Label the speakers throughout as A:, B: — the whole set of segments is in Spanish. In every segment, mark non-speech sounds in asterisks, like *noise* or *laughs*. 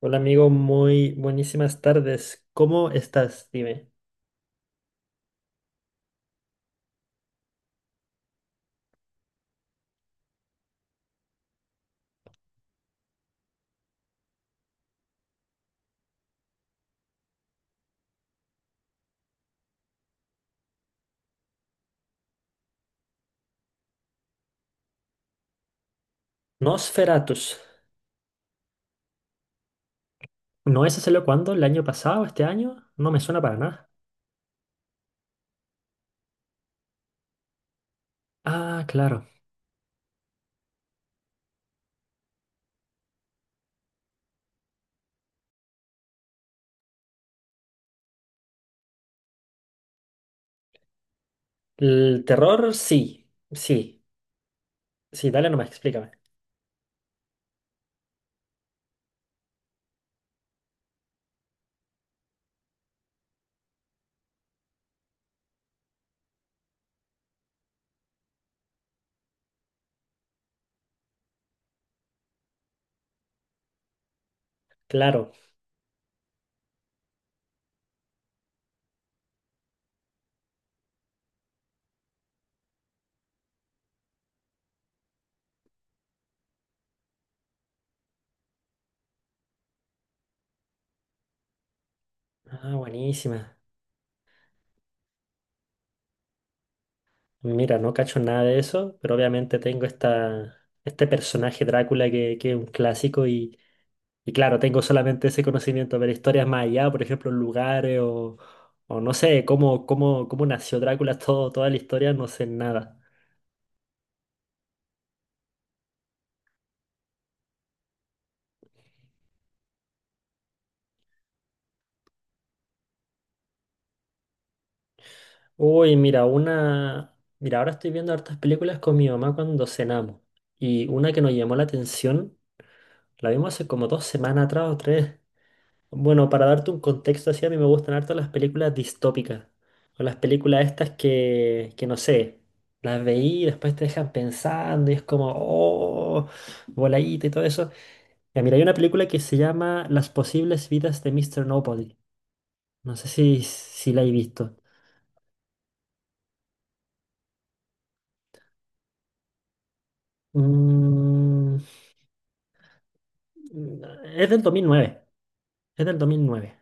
A: Hola amigo, muy buenísimas tardes. ¿Cómo estás? Dime. Nosferatus. ¿No ese salió cuándo? ¿El año pasado? ¿Este año? No me suena para nada. Ah, claro. El terror, sí. Sí. Sí, dale nomás, explícame. Claro. Ah, buenísima. Mira, no cacho nada de eso, pero obviamente tengo esta, este personaje Drácula que es un clásico. Y claro, tengo solamente ese conocimiento, pero historias más allá, por ejemplo, lugares o no sé, cómo nació Drácula, todo, toda la historia, no sé nada. Uy, mira, una... Mira, ahora estoy viendo hartas películas con mi mamá cuando cenamos. Y una que nos llamó la atención, la vimos hace como dos semanas atrás o tres. Bueno, para darte un contexto así, a mí me gustan harto las películas distópicas. O las películas estas que no sé, las veí y después te dejan pensando y es como, oh, voladita y todo eso. Ya, mira, hay una película que se llama Las posibles vidas de Mr. Nobody. No sé si la he visto. Mm, es del 2009. Es del 2009.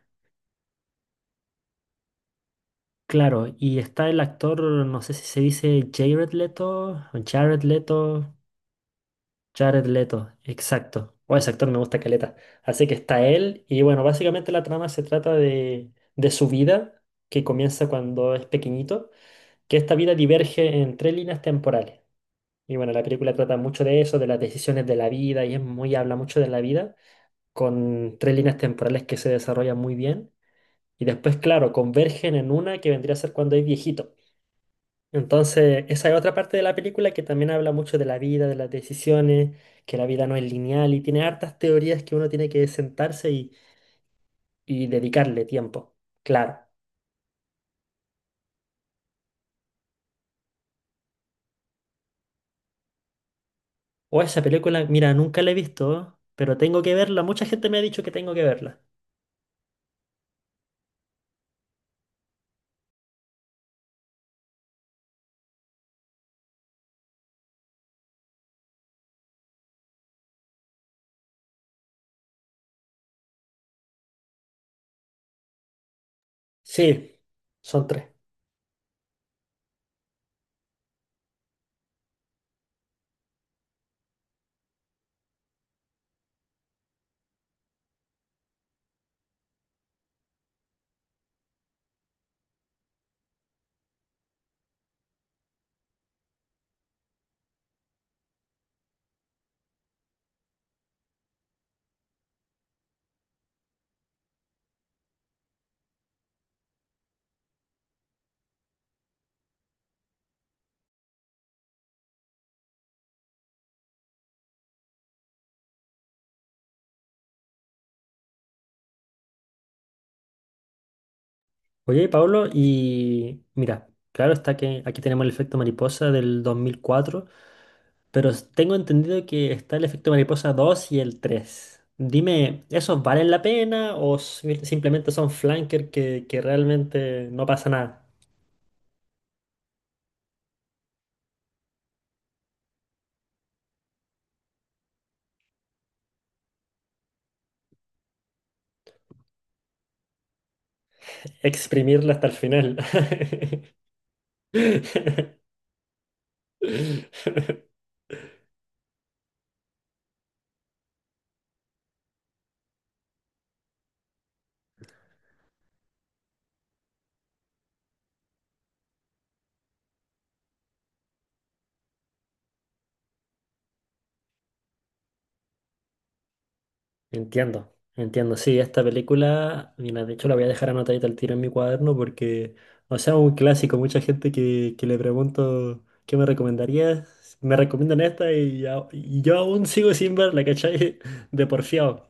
A: Claro, y está el actor, no sé si se dice Jared Leto o Jared Leto. Jared Leto, exacto. O ese actor me gusta caleta. Así que está él. Y bueno, básicamente la trama se trata de su vida, que comienza cuando es pequeñito, que esta vida diverge en tres líneas temporales. Y bueno, la película trata mucho de eso, de las decisiones de la vida, y es muy, habla mucho de la vida, con tres líneas temporales que se desarrollan muy bien. Y después, claro, convergen en una que vendría a ser cuando es viejito. Entonces, esa es otra parte de la película que también habla mucho de la vida, de las decisiones, que la vida no es lineal y tiene hartas teorías que uno tiene que sentarse y dedicarle tiempo. Claro. O esa película, mira, nunca la he visto, pero tengo que verla. Mucha gente me ha dicho que tengo que verla. Sí, son tres. Oye, Pablo, y mira, claro está que aquí tenemos el efecto mariposa del 2004. Pero s- tengo entendido que está el efecto mariposa 2 y el 3. Dime, ¿esos valen la pena o si- simplemente son flanker que realmente no pasa nada? Exprimirla hasta el final. *laughs* Entiendo, entiendo. Sí, esta película, mira, de hecho la voy a dejar anotadita al tiro en mi cuaderno porque, o sea, un clásico. Mucha gente que le pregunto qué me recomendarías, me recomiendan esta y, ya- y yo aún sigo sin verla, ¿cachai? *laughs* De porfiado.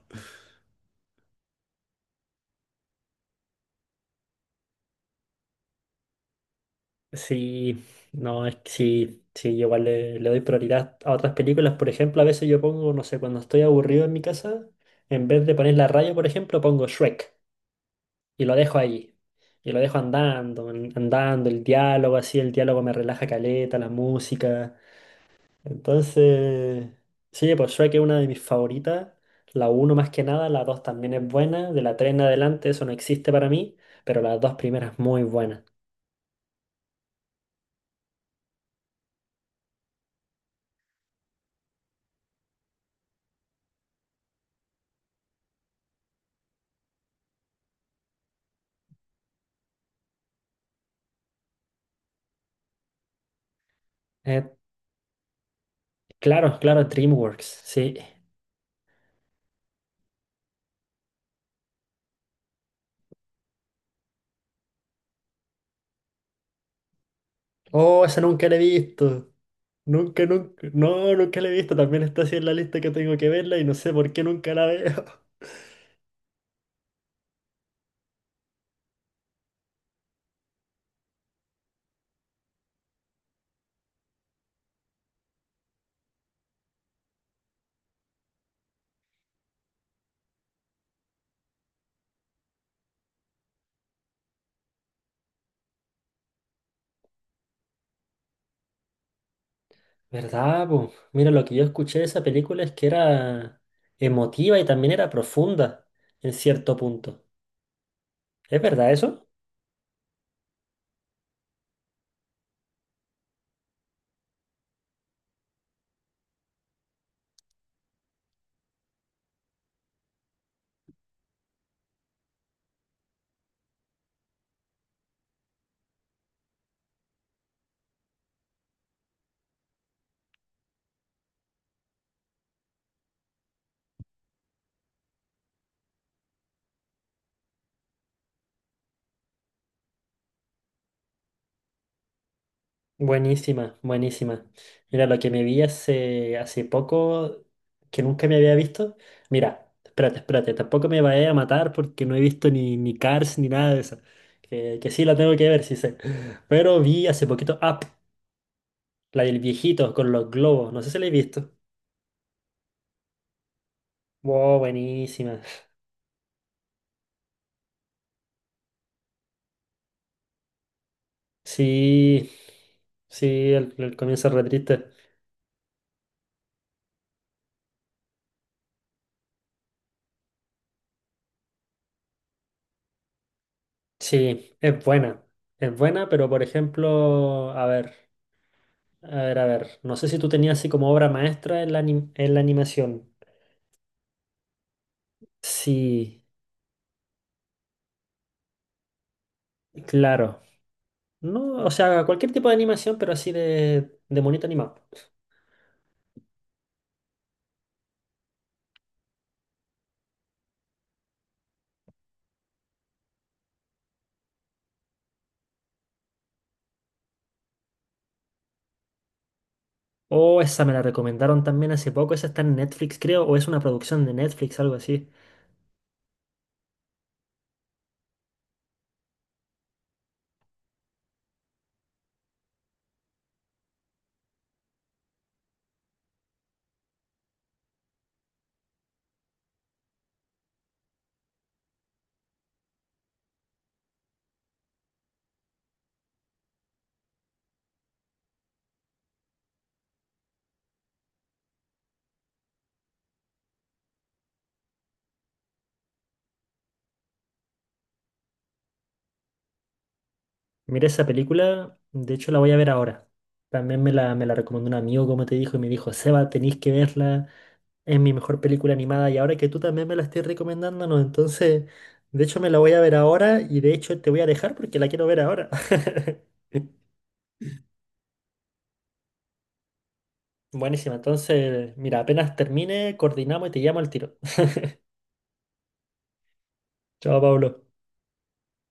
A: Sí, no, es que sí, yo igual le, le doy prioridad a otras películas. Por ejemplo, a veces yo pongo, no sé, cuando estoy aburrido en mi casa, en vez de poner la radio, por ejemplo, pongo Shrek y lo dejo ahí. Y lo dejo andando, an- andando, el diálogo, así, el diálogo me relaja caleta, la música. Entonces, sí, pues Shrek es una de mis favoritas. La uno más que nada, la 2 también es buena. De la 3 en adelante, eso no existe para mí, pero las dos primeras muy buenas. Eh, claro, claro, DreamWorks, sí. Oh, esa nunca la he visto. Nunca, nunca. No, nunca la he visto. También está así en la lista que tengo que verla y no sé por qué nunca la veo. *laughs* ¿Verdad, po? Mira, lo que yo escuché de esa película es que era emotiva y también era profunda en cierto punto. ¿Es verdad eso? Buenísima, buenísima. Mira, lo que me vi hace, hace poco, que nunca me había visto. Mira, espérate, espérate, tampoco me vaya a matar porque no he visto ni, ni Cars ni nada de eso. Que sí la tengo que ver, sí sé. Pero vi hace poquito Up, la del viejito con los globos. No sé si la he visto. Wow, buenísima. Sí, sí, el comienzo es re triste. Sí, es buena. Es buena, pero por ejemplo, a ver. A ver, a ver, no sé si tú tenías así como obra maestra en la, anim- en la animación. Sí, claro. No, o sea, cualquier tipo de animación, pero así de monito animado. Oh, esa me la recomendaron también hace poco. Esa está en Netflix, creo, o es una producción de Netflix, algo así. Mira esa película, de hecho la voy a ver ahora. También me la recomendó un amigo, como te dijo, y me dijo, Seba, tenéis que verla. Es mi mejor película animada y ahora que tú también me la estés recomendando, no, entonces, de hecho me la voy a ver ahora y de hecho te voy a dejar porque la quiero ver ahora. *laughs* Buenísima, entonces, mira, apenas termine, coordinamos y te llamo al tiro. *laughs* Chao, Pablo.